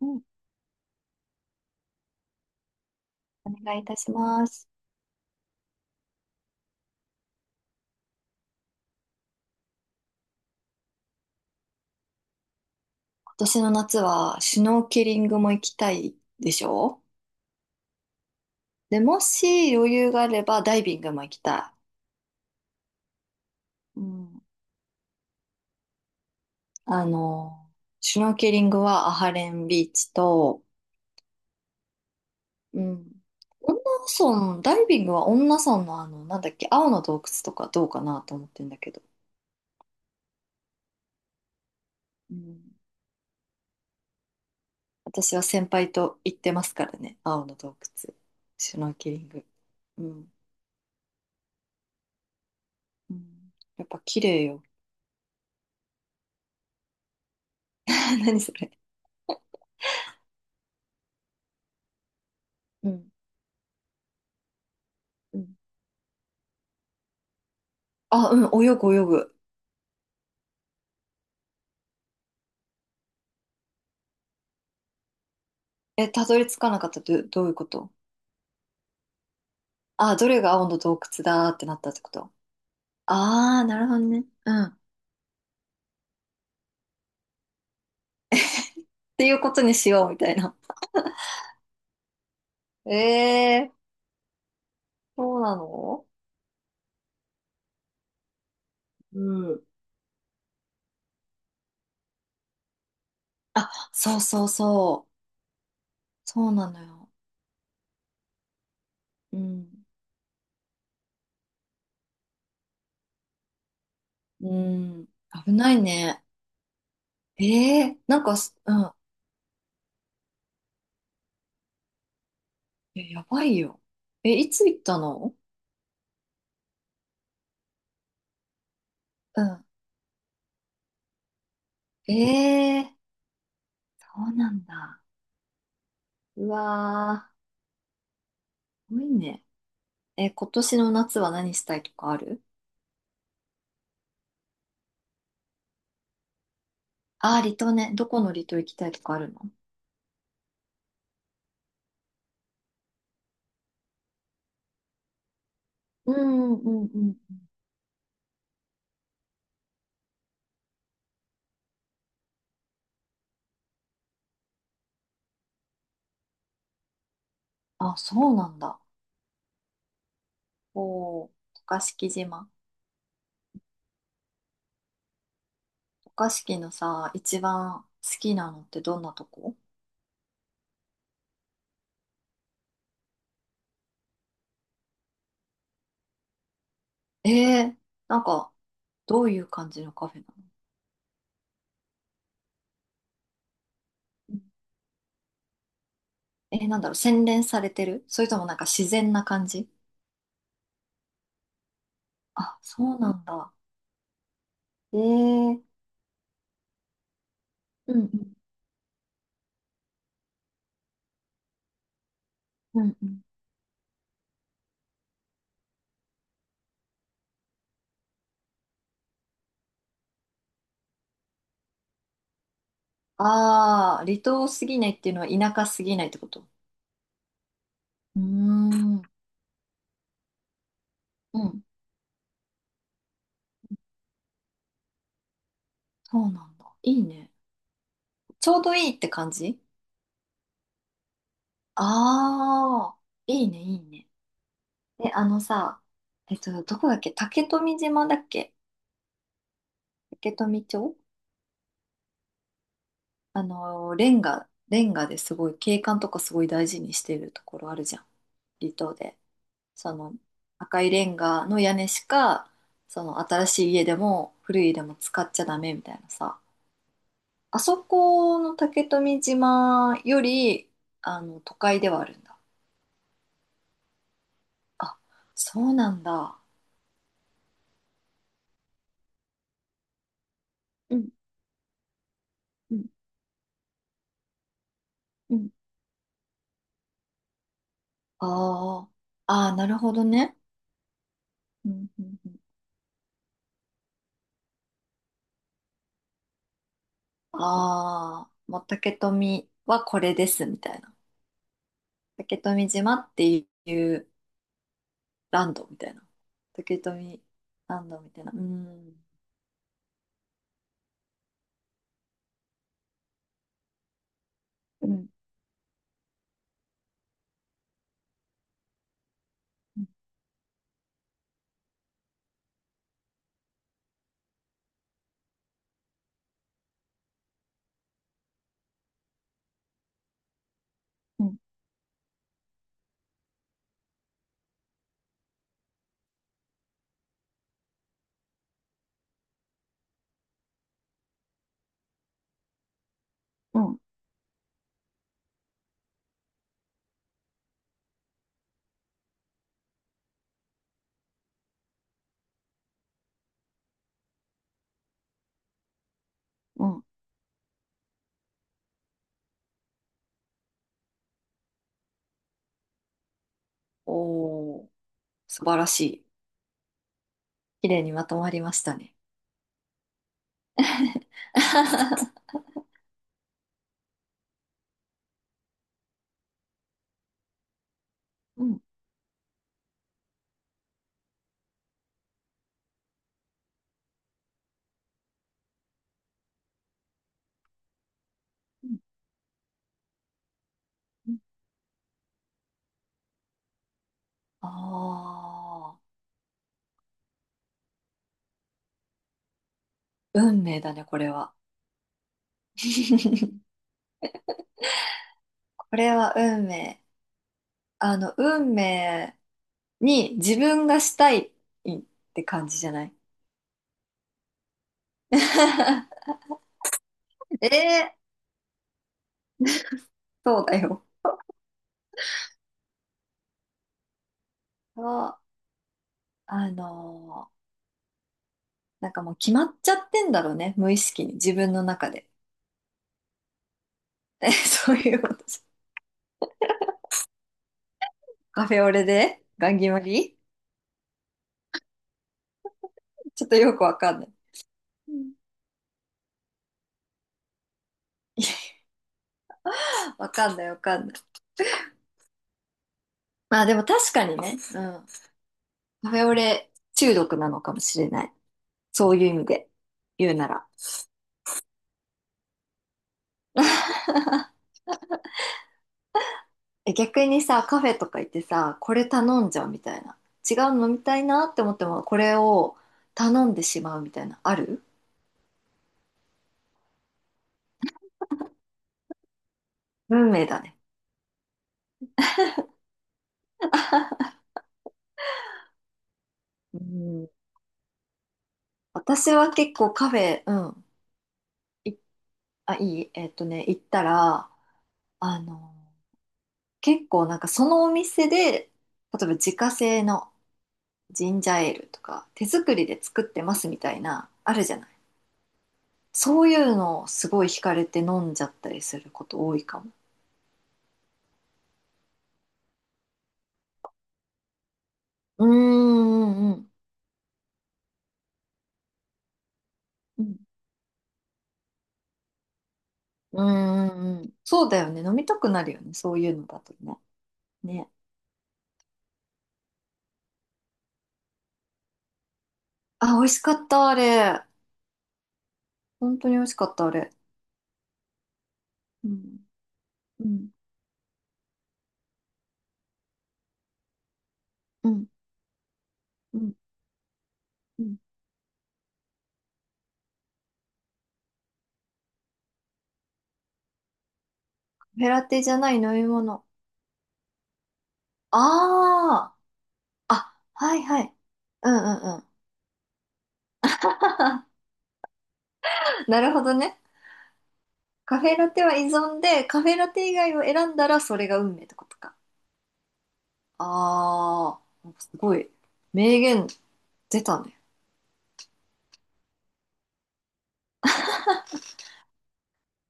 うん、お願いいたします。今年の夏はシュノーケリングも行きたいでしょ、で、もし余裕があればダイビングも行きたい。うん、あの、シュノーケリングはアハレンビーチと、うん、恩納村、ダイビングは恩納村のなんだっけ、青の洞窟とかどうかなと思ってんだけど。うん、私は先輩と行ってますからね、青の洞窟、シュノーケリング。うん、うん、やっぱ綺麗よ。何それ。うん、うん、あ、うん、泳ぐ泳ぐ。え、たどり着かなかった、ど、どういうこと？あ、どれが青の洞窟だーってなったってこと？ああー、なるほどね。うん。っていうことにしようみたいな。ええー、そうなの？うん。あ、そうそうそう。そうなのよ。うん。うん。危ないね。ええー、なんかす、うん。え、やばいよ。え、いつ行ったの？うん。ええー、そうなんだ。うわー、すごいね。え、今年の夏は何したいとかある？ああー、離島ね。どこの離島行きたいとかあるの？うんうんうんうん。あ、そうなんだ。おー、渡嘉敷島。渡嘉敷のさ、一番好きなのってどんなとこ？えー、なんか、どういう感じのカフェなの？うん、えー、なんだろう、洗練されてる、それともなんか自然な感じ？あ、そうなんだ。えー、うんうん、うんうん、あー、離島すぎないっていうのは田舎すぎないってこと？うーん、うん、そうなんだ。いいね。ちょうどいいって感じ？ああ、いいね、いいね。で、あのさ、どこだっけ、竹富島だっけ？竹富町、あの、レンガ、レンガですごい景観とかすごい大事にしてるところあるじゃん。離島で。その、赤いレンガの屋根しか、その、新しい家でも古い家でも使っちゃダメみたいなさ。あそこの竹富島より、あの、都会ではあるんだ。あ、そうなんだ。うんうんうん、あー、あー、なるほどね。うんうんうん、ああ、もう竹富はこれですみたいな。竹富島っていうランドみたいな。竹富ランドみたいな。うん。うんうんうんうん、おおー、素晴らしい。綺麗にまとまりましたね。うんうんうん、ああ、運命だね、これは。これは運命。あの、運命に自分がしたいって感じじゃない？ ええ、そうだよ。そう、あのー、なんかもう決まっちゃってんだろうね、無意識に、自分の中で。え、そういうことじゃん。カフェオレでガン決まり、ちょっとよくわかんない。うん。 わかんない、わかんない。まあでも確かにね、うん。カフェオレ中毒なのかもしれない。そういう意味で言うなら。え、逆にさ、カフェとか行ってさ、これ頼んじゃうみたいな。違うの飲みたいなって思っても、これを頼んでしまうみたいな。ある？運命だね。うん。私は結構カフェ、うん、い、あ、いい、行ったら、あの、結構なんかそのお店で、例えば自家製のジンジャーエールとか、手作りで作ってますみたいな、あるじゃない。そういうのをすごい惹かれて飲んじゃったりすること多いかも。うーん、うん、うん。うんうんうん。そうだよね。飲みたくなるよね。そういうのだとね。ね。あ、美味しかった、あれ。本当に美味しかった、あれ。うん。うん。うん。うん。うん、カフェラテじゃない飲み物。ああ。あ、はいはい。うんうんうん。なるほどね。カフェラテは依存で、カフェラテ以外を選んだらそれが運命ってことか。ああ、すごい。名言出たね。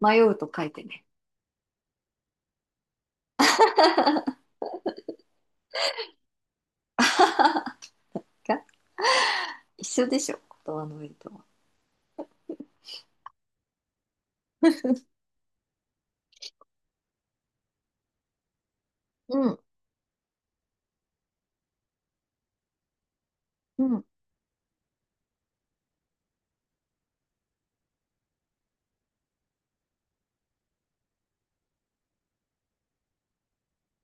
迷うと書いてね。が一緒でしょ、言葉の上とは。うん、うん。